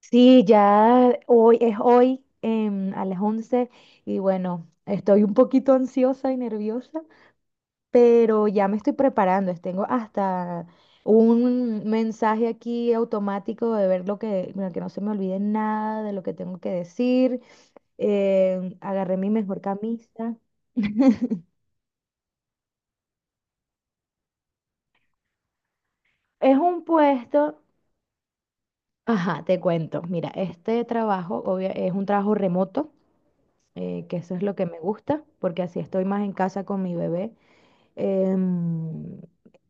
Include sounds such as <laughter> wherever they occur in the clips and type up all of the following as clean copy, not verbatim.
Sí, ya hoy es hoy a las 11 y bueno, estoy un poquito ansiosa y nerviosa, pero ya me estoy preparando. Tengo hasta un mensaje aquí automático de ver lo que, bueno, que no se me olvide nada de lo que tengo que decir. Agarré mi mejor camisa. <laughs> Es un puesto, ajá, te cuento. Mira, este trabajo es un trabajo remoto, que eso es lo que me gusta, porque así estoy más en casa con mi bebé. em,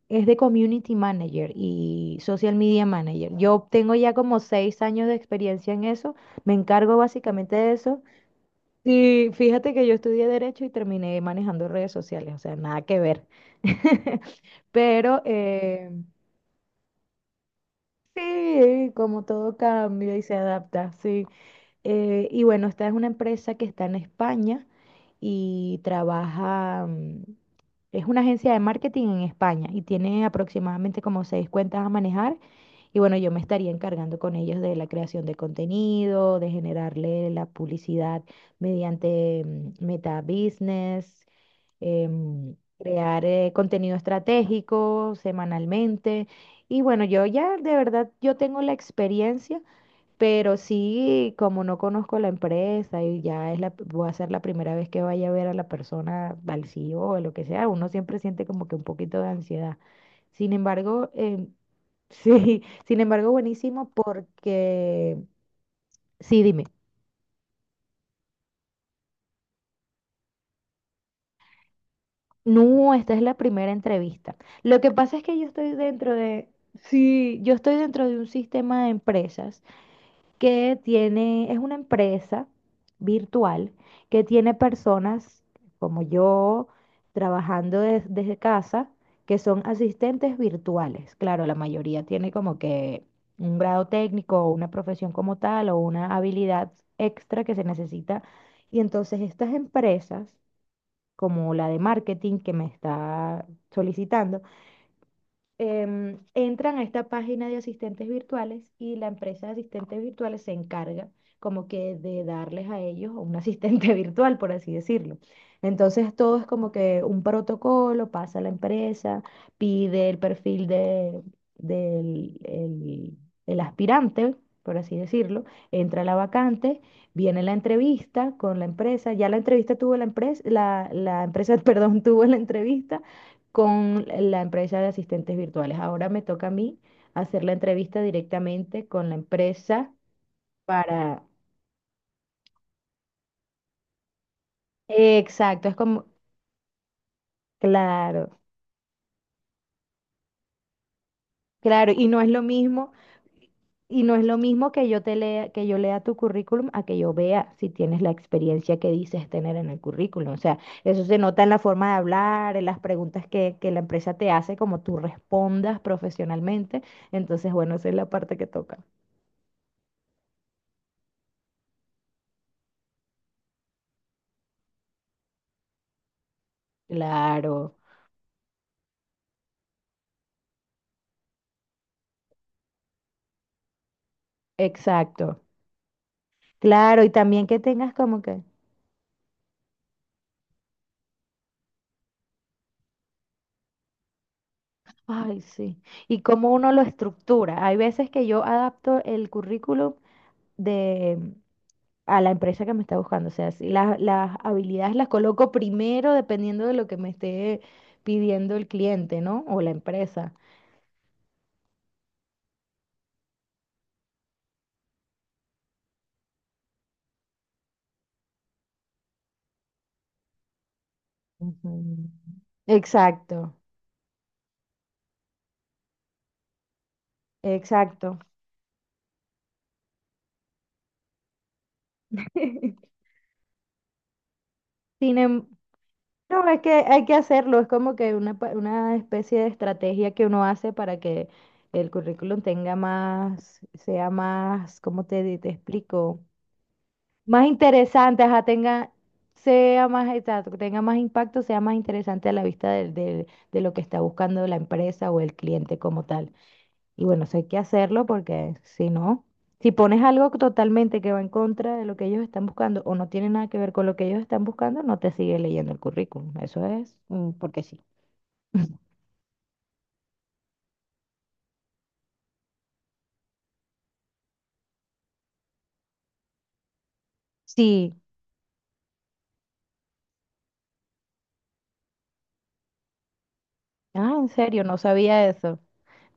es de Community Manager y Social Media Manager. Yo tengo ya como 6 años de experiencia en eso, me encargo básicamente de eso. Y fíjate que yo estudié Derecho y terminé manejando redes sociales, o sea, nada que ver. <laughs> Pero sí, como todo cambia y se adapta, sí. Y bueno, esta es una empresa que está en España y trabaja, es una agencia de marketing en España y tiene aproximadamente como 6 cuentas a manejar. Y bueno, yo me estaría encargando con ellos de la creación de contenido, de generarle la publicidad mediante Meta Business, crear contenido estratégico semanalmente. Y bueno, yo ya de verdad, yo tengo la experiencia pero sí, como no conozco la empresa y ya es la, voy a ser la primera vez que vaya a ver a la persona, al CEO o lo que sea, uno siempre siente como que un poquito de ansiedad. Sin embargo, <laughs> sí, sin embargo, buenísimo porque, sí, dime, no, esta es la primera entrevista. Lo que pasa es que yo estoy dentro de, sí, yo estoy dentro de un sistema de empresas que tiene, es una empresa virtual que tiene personas como yo trabajando desde casa que son asistentes virtuales. Claro, la mayoría tiene como que un grado técnico o una profesión como tal o una habilidad extra que se necesita. Y entonces estas empresas, como la de marketing que me está solicitando, entran a esta página de asistentes virtuales y la empresa de asistentes virtuales se encarga como que de darles a ellos un asistente <laughs> virtual, por así decirlo. Entonces todo es como que un protocolo, pasa a la empresa, pide el perfil de, del el- el aspirante, por así decirlo, entra la vacante, viene la entrevista con la empresa, ya la entrevista tuvo la empresa, la empresa, <laughs> perdón, tuvo la entrevista con la empresa de asistentes virtuales. Ahora me toca a mí hacer la entrevista directamente con la empresa para... Exacto, es como, claro, claro, y no es lo mismo, y no es lo mismo que yo te lea, que yo lea tu currículum a que yo vea si tienes la experiencia que dices tener en el currículum. O sea, eso se nota en la forma de hablar, en las preguntas que la empresa te hace, como tú respondas profesionalmente. Entonces, bueno, esa es la parte que toca. Claro, exacto. Claro, y también que tengas como que, ay, sí, y cómo uno lo estructura. Hay veces que yo adapto el currículum de, a la empresa que me está buscando. O sea, si las habilidades las coloco primero dependiendo de lo que me esté pidiendo el cliente, ¿no? O la empresa. Ujú. Exacto, exacto. <laughs> Sin em- No, es que hay que hacerlo, es como que una, una especie de estrategia que uno hace para que el currículum tenga más, sea más, ¿cómo te, te explico? Más interesante, ajá, tenga, sea más, exacto, que tenga más impacto, sea más interesante a la vista de, lo que está buscando la empresa o el cliente como tal. Y bueno, eso hay que hacerlo porque si no, si pones algo totalmente que va en contra de lo que ellos están buscando o no tiene nada que ver con lo que ellos están buscando, no te sigue leyendo el currículum. Eso es porque sí. Sí. Ah, en serio, no sabía eso.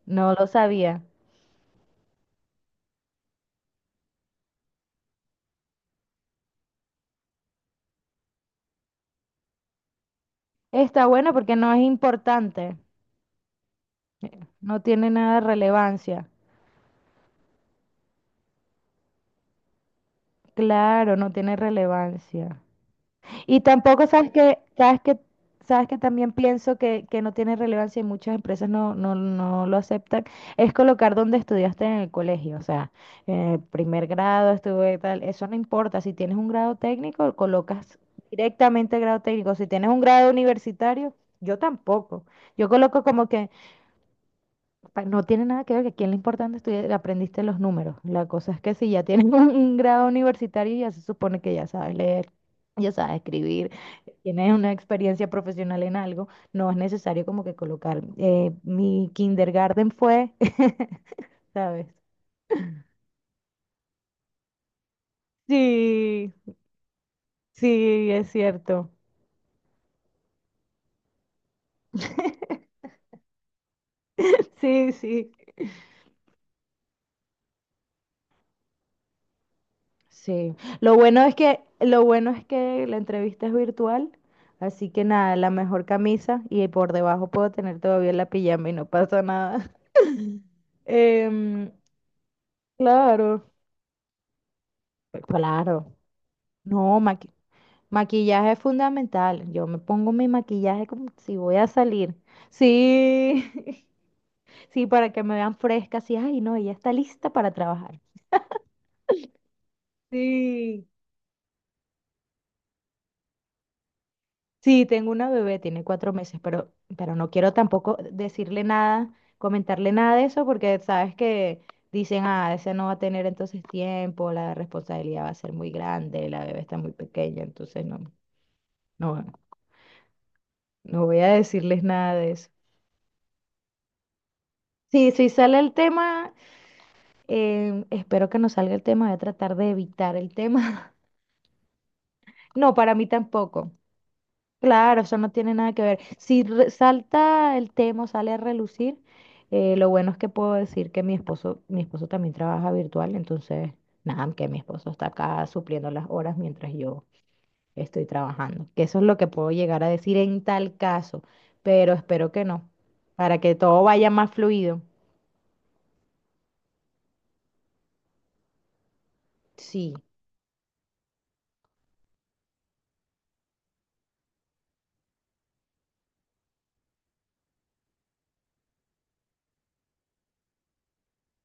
No lo sabía. Está bueno porque no es importante. No tiene nada de relevancia. Claro, no tiene relevancia. Y tampoco sabes que, sabes que, sabes que también pienso que no tiene relevancia y muchas empresas no lo aceptan, es colocar donde estudiaste en el colegio. O sea, en el primer grado estuve tal, eso no importa. Si tienes un grado técnico, colocas directamente el grado técnico. Si tienes un grado universitario, yo tampoco. Yo coloco como que No tiene nada que ver, que aquí lo importante es que aprendiste los números. La cosa es que si ya tienes <laughs> un grado universitario, ya se supone que ya sabes leer, ya sabes escribir, tienes una experiencia profesional en algo, no es necesario como que colocar, mi kindergarten fue, <laughs> ¿sabes? Sí, sí, es cierto. <laughs> Sí, sí. Sí, lo bueno es que la entrevista es virtual, así que nada, la mejor camisa y por debajo puedo tener todavía la pijama y no pasa nada. <laughs> Em, claro, pues claro. No, maquillaje es fundamental. Yo me pongo mi maquillaje como si voy a salir. Sí, <laughs> sí, para que me vean fresca, así, ay, no, ella está lista para trabajar. Sí. Sí, tengo una bebé, tiene 4 meses, pero no quiero tampoco decirle nada, comentarle nada de eso, porque sabes que dicen, ah, ese no va a tener entonces tiempo, la responsabilidad va a ser muy grande, la bebé está muy pequeña, entonces no, no, no voy a decirles nada de eso. Sí, si sale el tema, espero que no salga el tema, voy a tratar de evitar el tema. <laughs> No, para mí tampoco. Claro, eso no tiene nada que ver. Si salta el tema, o sale a relucir, lo bueno es que puedo decir que mi esposo también trabaja virtual, entonces, nada, que mi esposo está acá supliendo las horas mientras yo estoy trabajando. Que eso es lo que puedo llegar a decir en tal caso, pero espero que no, para que todo vaya más fluido. Sí.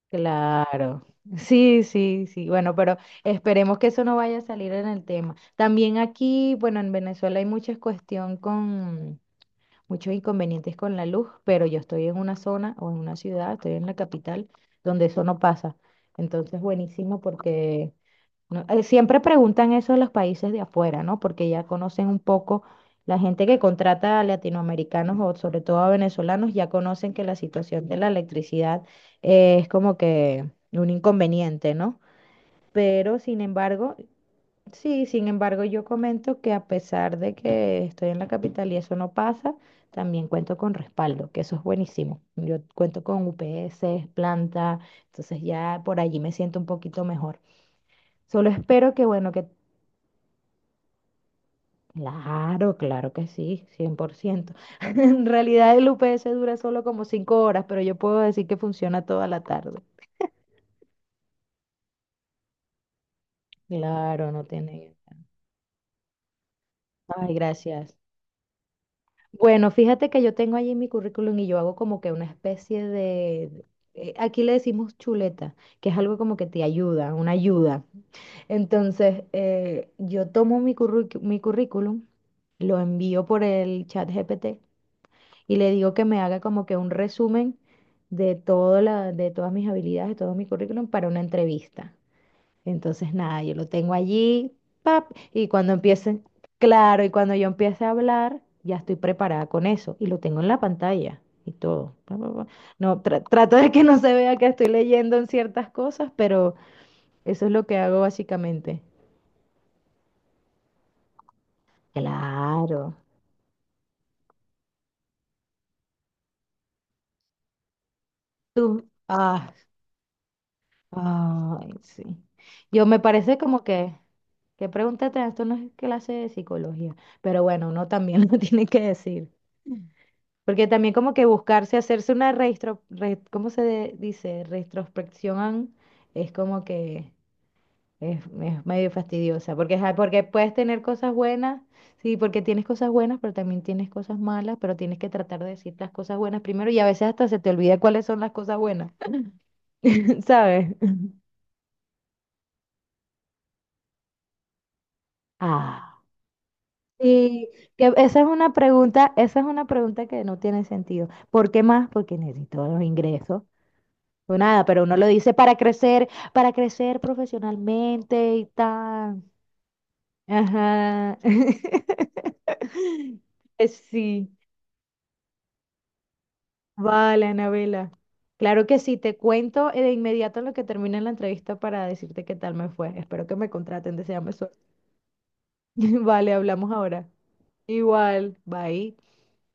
Claro, sí, sí, sí, bueno, pero esperemos que eso no vaya a salir en el tema. También aquí, bueno, en Venezuela hay mucha cuestión con muchos inconvenientes con la luz, pero yo estoy en una zona o en una ciudad, estoy en la capital, donde eso no pasa. Entonces, buenísimo porque no, siempre preguntan eso a los países de afuera, ¿no? Porque ya conocen un poco, la gente que contrata a latinoamericanos o sobre todo a venezolanos, ya conocen que la situación de la electricidad es como que un inconveniente, ¿no? Pero sin embargo, sí, sin embargo, yo comento que a pesar de que estoy en la capital y eso no pasa, también cuento con respaldo, que eso es buenísimo. Yo cuento con UPS, planta, entonces ya por allí me siento un poquito mejor. Solo espero que, bueno, que claro, claro que sí, 100%. <laughs> En realidad el UPS dura solo como 5 horas, pero yo puedo decir que funciona toda la tarde. Claro, no tiene. Ay, gracias. Bueno, fíjate que yo tengo allí mi currículum y yo hago como que una especie de... Aquí le decimos chuleta, que es algo como que te ayuda, una ayuda. Entonces, yo tomo mi mi currículum, lo envío por el chat GPT y le digo que me haga como que un resumen de todo la, de todas mis habilidades, de todo mi currículum para una entrevista. Entonces, nada, yo lo tengo allí, pap, y cuando empiece, claro, y cuando yo empiece a hablar, ya estoy preparada con eso y lo tengo en la pantalla y todo. Pa, pa, pa. No, trato de que no se vea que estoy leyendo en ciertas cosas, pero eso es lo que hago básicamente. Claro. Tú, ah, ay, sí. Yo me parece como que pregúntate, esto no es clase de psicología, pero bueno, uno también <laughs> lo tiene que decir. Porque también como que buscarse, hacerse una registro, ¿cómo se dice? Retrospección es como que es medio fastidiosa, porque, ajá, porque puedes tener cosas buenas, sí, porque tienes cosas buenas, pero también tienes cosas malas, pero tienes que tratar de decir las cosas buenas primero y a veces hasta se te olvida cuáles son las cosas buenas, <laughs> ¿sabes? Ah. Sí, que esa es una pregunta, esa es una pregunta que no tiene sentido. ¿Por qué más? Porque necesito los ingresos. O nada, pero uno lo dice para crecer profesionalmente y tal. Ajá. <laughs> Sí, vale, Anabela. Claro que sí, te cuento de inmediato en lo que termine la entrevista para decirte qué tal me fue. Espero que me contraten, deseame suerte. <laughs> Vale, hablamos ahora. Igual, bye.